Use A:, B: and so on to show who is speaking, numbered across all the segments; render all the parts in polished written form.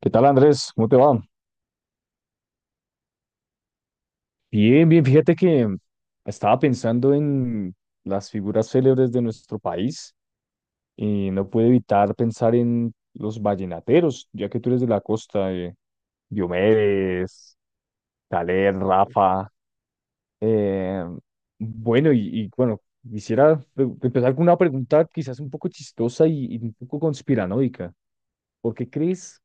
A: ¿Qué tal, Andrés? ¿Cómo te va? Bien, bien. Fíjate que estaba pensando en las figuras célebres de nuestro país y no pude evitar pensar en los vallenateros, ya que tú eres de la costa. Diomedes, Caler, Rafa. eh, bueno, y, bueno, quisiera empezar con una pregunta quizás un poco chistosa y, un poco conspiranoica. ¿Por qué crees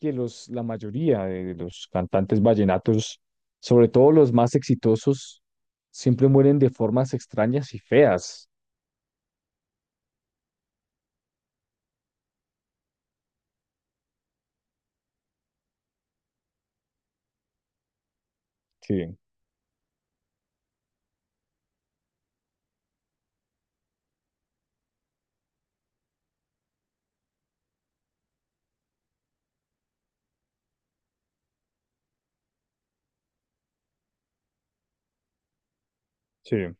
A: que la mayoría de los cantantes vallenatos, sobre todo los más exitosos, siempre mueren de formas extrañas y feas? Sí, sí.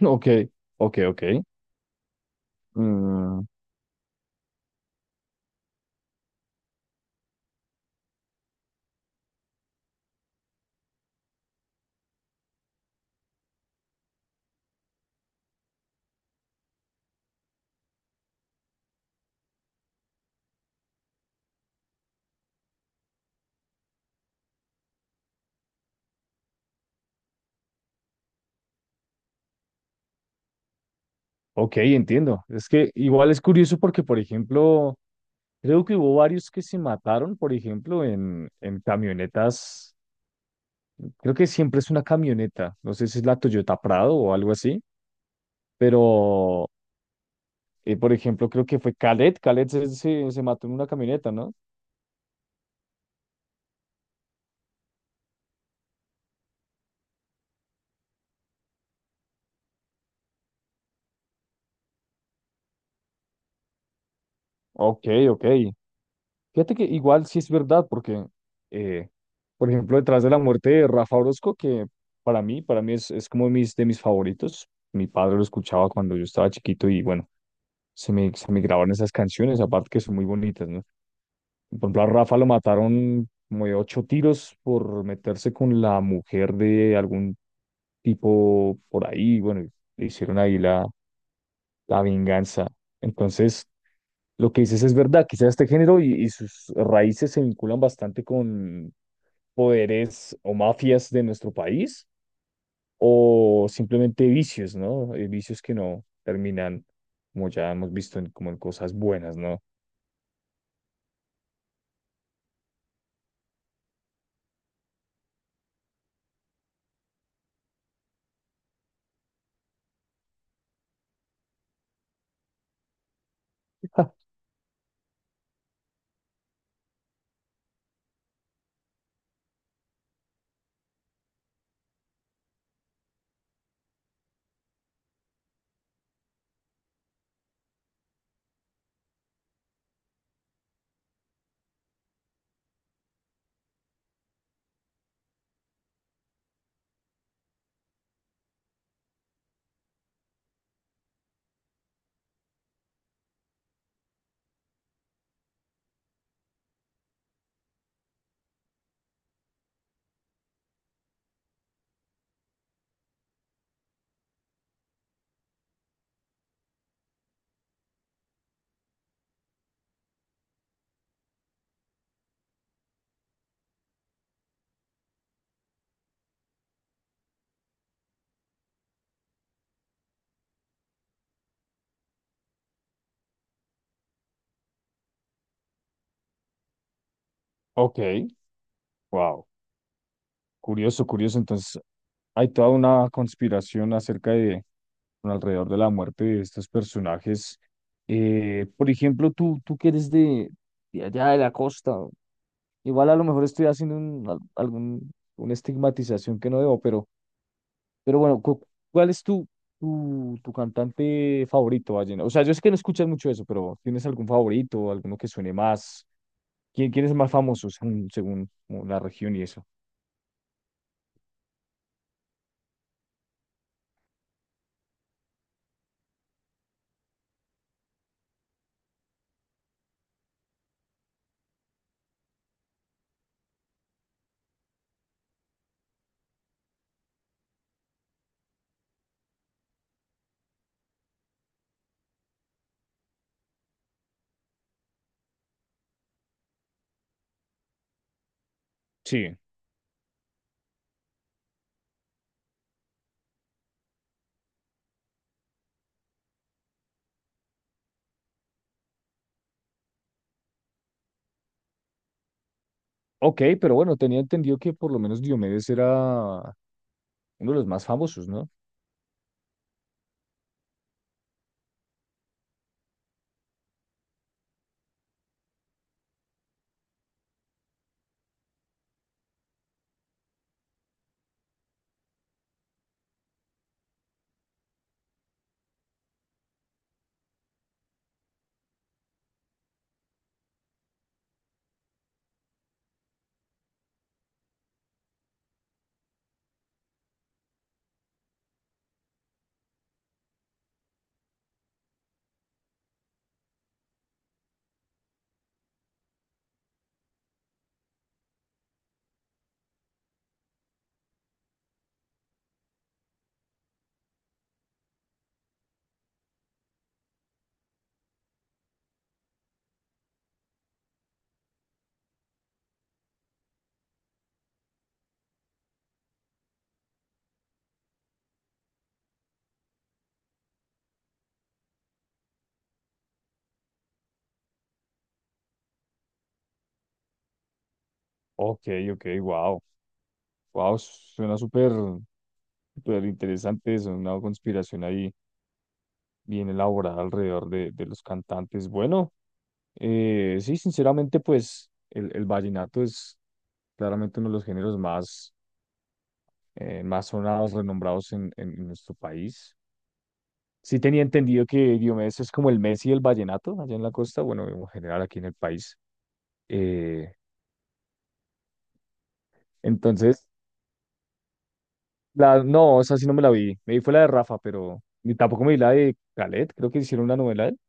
A: Ok, ok, ok. Mm, ok, entiendo. Es que igual es curioso porque, por ejemplo, creo que hubo varios que se mataron, por ejemplo, en camionetas. Creo que siempre es una camioneta. No sé si es la Toyota Prado o algo así, pero, por ejemplo, creo que fue Khaled. Khaled se mató en una camioneta, ¿no? Ok, ok. Fíjate que igual sí es verdad, porque, eh, por ejemplo, detrás de la muerte de Rafa Orozco, que para mí es como de de mis favoritos. Mi padre lo escuchaba cuando yo estaba chiquito y bueno, se me grabaron esas canciones, aparte que son muy bonitas, ¿no? Por ejemplo, a Rafa lo mataron como de 8 tiros por meterse con la mujer de algún tipo por ahí, bueno, le hicieron ahí la venganza. Entonces, lo que dices es verdad, quizás este género y sus raíces se vinculan bastante con poderes o mafias de nuestro país o simplemente vicios, ¿no? Vicios que no terminan, como ya hemos visto, como en cosas buenas, ¿no? Ja, ok, wow, curioso, curioso. Entonces, hay toda una conspiración acerca de, bueno, alrededor de la muerte de estos personajes. Por ejemplo, tú que eres de allá de la costa. Igual a lo mejor estoy haciendo una estigmatización que no debo, pero bueno, ¿cuál es tu cantante favorito, vallenato? O sea, yo sé que no escuchas mucho eso, pero ¿tienes algún favorito, alguno que suene más? Quién es el más famoso según, según como la región y eso? Sí. Ok, pero bueno, tenía entendido que por lo menos Diomedes era uno de los más famosos, ¿no? Ok, ok, wow. Wow, suena súper, súper interesante eso, una conspiración ahí, bien elaborada alrededor de los cantantes. Bueno, sí, sinceramente, pues el vallenato es claramente uno de los géneros más, más sonados, renombrados en nuestro país. Sí tenía entendido que Diomedes es como el Messi del vallenato allá en la costa, bueno, en general aquí en el país. Eh, entonces, la, no, esa sí no me la vi. Me vi fue la de Rafa, pero ni tampoco me vi la de Calet, creo que hicieron una novela de él.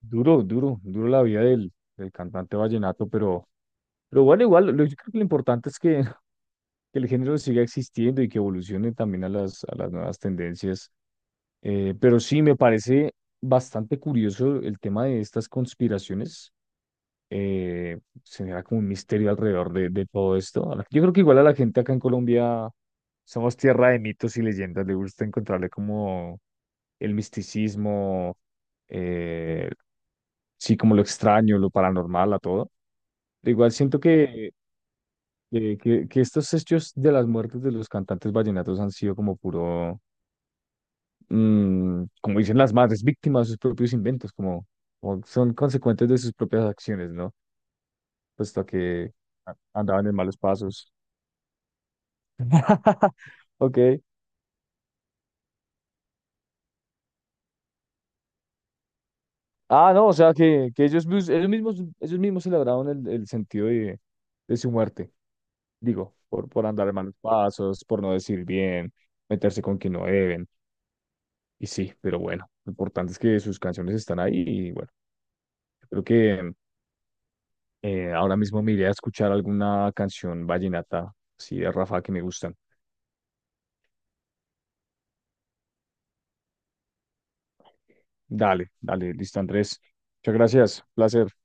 A: Duro, duro, duro la vida del, del cantante vallenato, pero... Pero igual, igual, yo creo que lo importante es que, que el género siga existiendo y que evolucione también a a las nuevas tendencias. Pero sí, me parece bastante curioso el tema de estas conspiraciones. Se genera como un misterio alrededor de todo esto. Yo creo que igual a la gente acá en Colombia somos tierra de mitos y leyendas. Le gusta encontrarle como el misticismo, eh, sí, como lo extraño, lo paranormal a todo. Pero igual siento que que estos hechos de las muertes de los cantantes vallenatos han sido como puro, mm, como dicen las madres, víctimas de sus propios inventos, como, como son consecuentes de sus propias acciones, ¿no? Puesto que andaban en malos pasos. Ok. Ah, no, o sea que ellos, ellos mismos celebraron el sentido de su muerte, digo, por andar en malos pasos, por no decir bien, meterse con quien no deben, y sí, pero bueno, lo importante es que sus canciones están ahí y bueno. Yo creo que ahora mismo me iré a escuchar alguna canción vallenata, sí, de Rafa que me gustan. Dale, dale, listo, Andrés. Muchas gracias, placer. Chao.